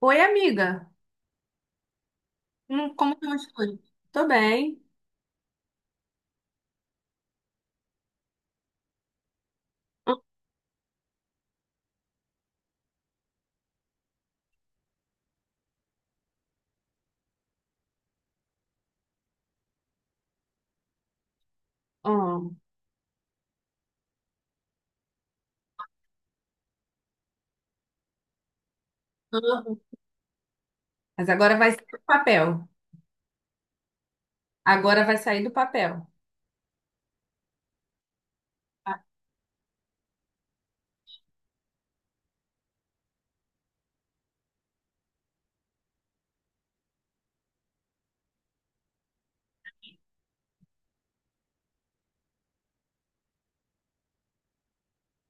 Oi, amiga. Como estão as coisas? Tô bem. Hum. Mas agora vai sair do papel. Agora vai sair do papel. Ah.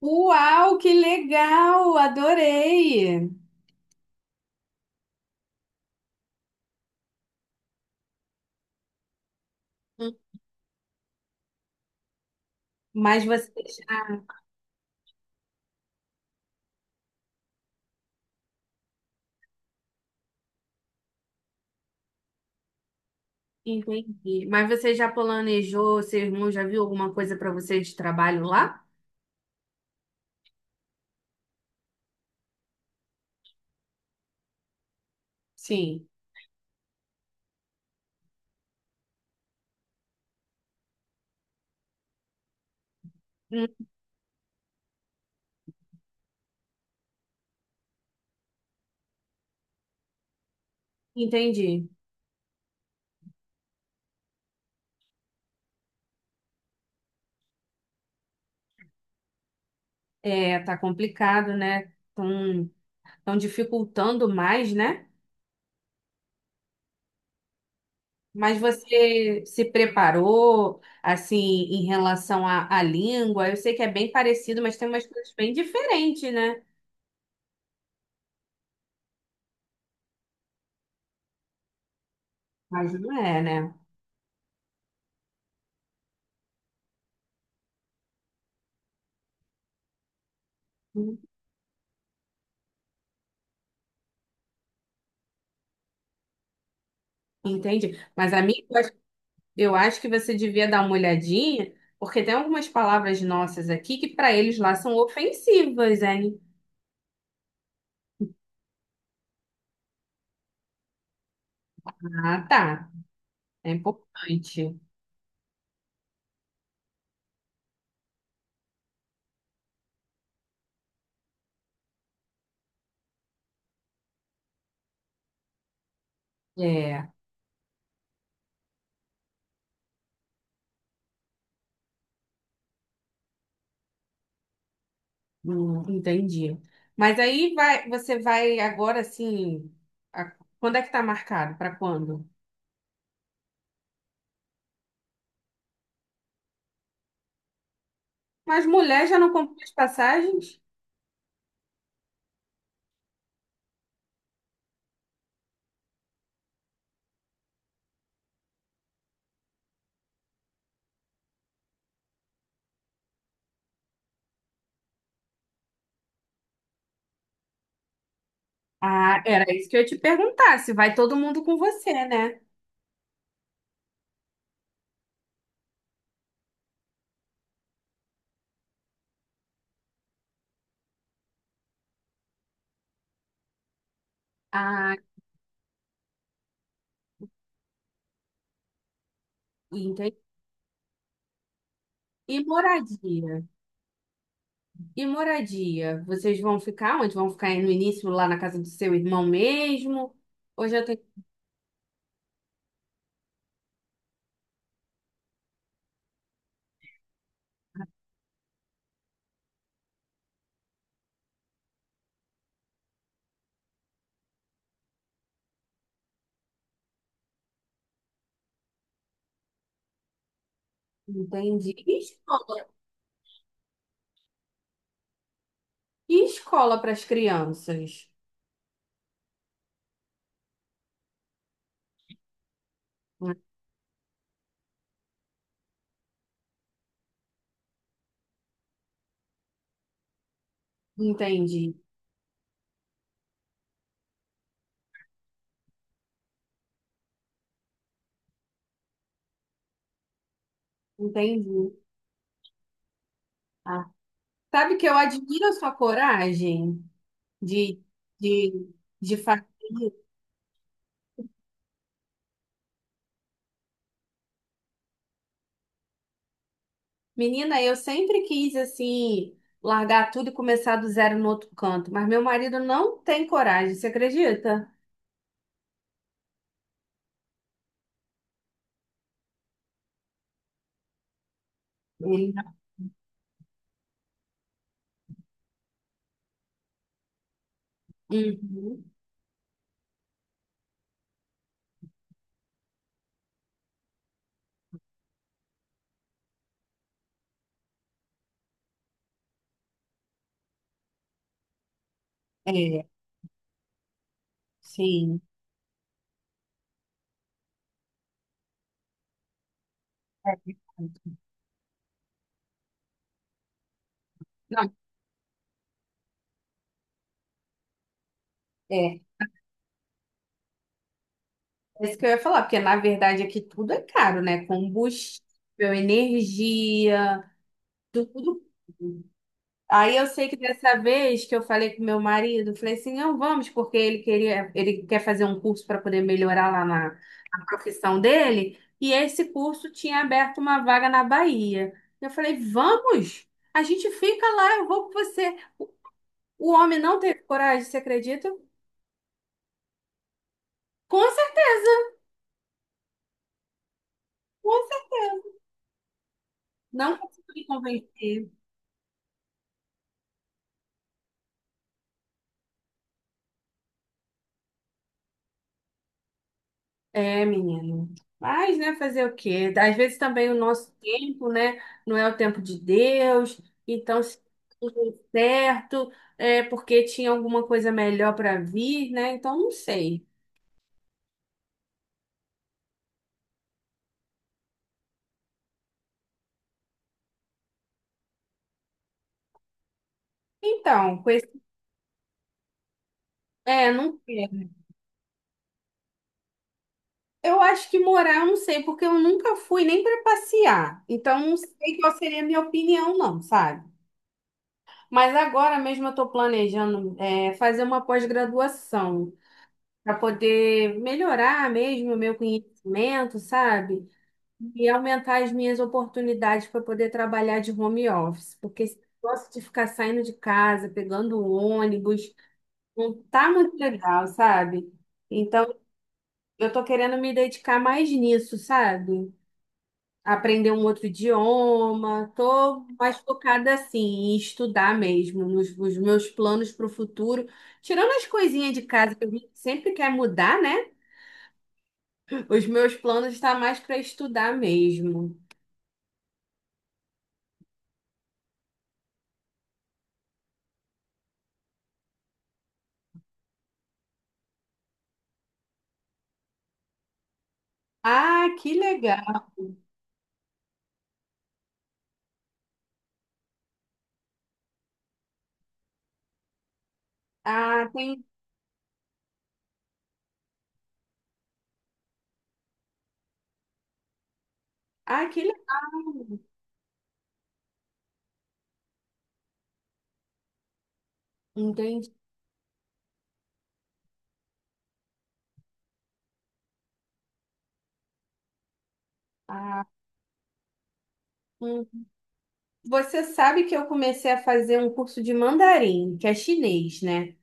Uau, que legal! Adorei! Hum. Mas você... Entendi. Mas você já planejou, seu irmão já viu alguma coisa para você de trabalho lá? Sim. Hum, Entendi. É, tá complicado, né? Estão dificultando mais, né? Mas você se preparou, assim, em relação à língua? Eu sei que é bem parecido, mas tem umas coisas bem diferentes, né? Mas não é, né? Entendi. Mas, amigo, eu acho que você devia dar uma olhadinha, porque tem algumas palavras nossas aqui que para eles lá são ofensivas, hein? Ah, tá. É importante. É, entendi. Mas aí vai, você vai agora, assim, quando é que tá marcado? Para quando? Mas mulher já não comprou as passagens? Ah, era isso que eu ia te perguntar, se vai todo mundo com você, né? Ah, entendi. E moradia? E moradia? Vocês vão ficar onde? Vão ficar aí no início, lá na casa do seu irmão mesmo? Ou já tem... Entendi. E escola? E escola para as crianças? Entendi. Entendi. Ah, sabe que eu admiro a sua coragem de, de, de fazer. Menina, eu sempre quis assim largar tudo e começar do zero no outro canto, mas meu marido não tem coragem, você acredita? Ele... Uhum. É, sim. É, verdade. Não, é. É isso que eu ia falar, porque na verdade aqui tudo é caro, né? Combustível, energia, tudo. Aí eu sei que dessa vez que eu falei com meu marido, eu falei assim, não vamos, porque ele queria, ele quer fazer um curso para poder melhorar lá na, na profissão dele, e esse curso tinha aberto uma vaga na Bahia. Eu falei, vamos, a gente fica lá, eu vou com você. O homem não teve coragem, você acredita? Com certeza, com certeza. Não consegui convencer. É, menino. Mas, né, fazer o quê? Às vezes também o nosso tempo, né, não é o tempo de Deus. Então, se tudo deu certo, é porque tinha alguma coisa melhor para vir, né? Então, não sei. Então, com esse... É, não sei. Eu acho que morar, eu não sei, porque eu nunca fui nem para passear. Então, não sei qual seria a minha opinião, não, sabe? Mas agora mesmo eu estou planejando, fazer uma pós-graduação, para poder melhorar mesmo o meu conhecimento, sabe? E aumentar as minhas oportunidades para poder trabalhar de home office, porque esse negócio de ficar saindo de casa, pegando ônibus, não tá muito legal, sabe? Então, eu tô querendo me dedicar mais nisso, sabe? Aprender um outro idioma, tô mais focada assim, em estudar mesmo, nos meus planos para o futuro. Tirando as coisinhas de casa que a gente sempre quer mudar, né? Os meus planos estão mais para estudar mesmo. Ah, que legal. Ah, tem. Ah, que legal. Entendi. Ah, hum. Você sabe que eu comecei a fazer um curso de mandarim, que é chinês, né?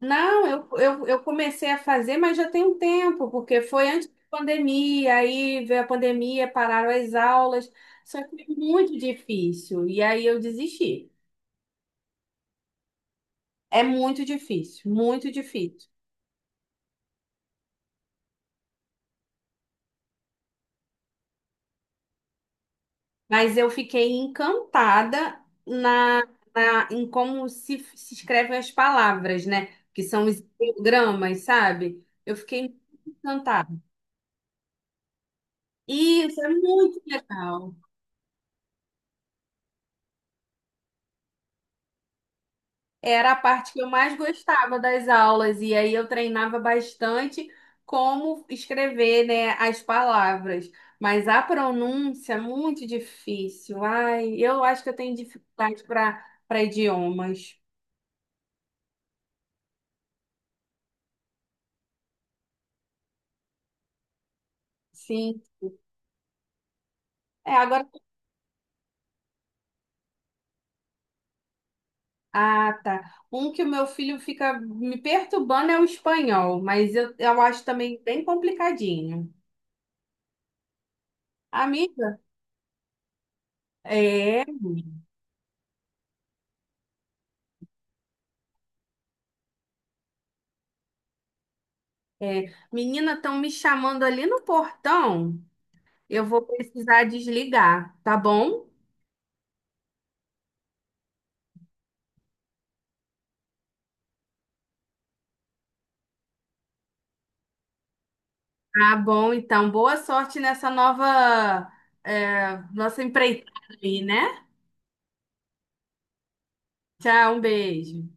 Não, eu comecei a fazer, mas já tem um tempo, porque foi antes da pandemia, aí veio a pandemia, pararam as aulas, só que é muito difícil, e aí eu desisti. É muito difícil, muito difícil. Mas eu fiquei encantada na, em como se escrevem as palavras, né? Que são os ideogramas, sabe? Eu fiquei muito encantada. Isso é muito legal. Era a parte que eu mais gostava das aulas, e aí eu treinava bastante como escrever, né, as palavras. Mas a pronúncia é muito difícil. Ai, eu acho que eu tenho dificuldade para idiomas. Sim. É, agora Ah, tá. Um que o meu filho fica me perturbando é o espanhol, mas eu acho também bem complicadinho. Amiga, é, é, menina, estão me chamando ali no portão. Eu vou precisar desligar, tá bom? Tá bom, então. Boa sorte nessa nova, nossa empreitada aí, né? Tchau, um beijo.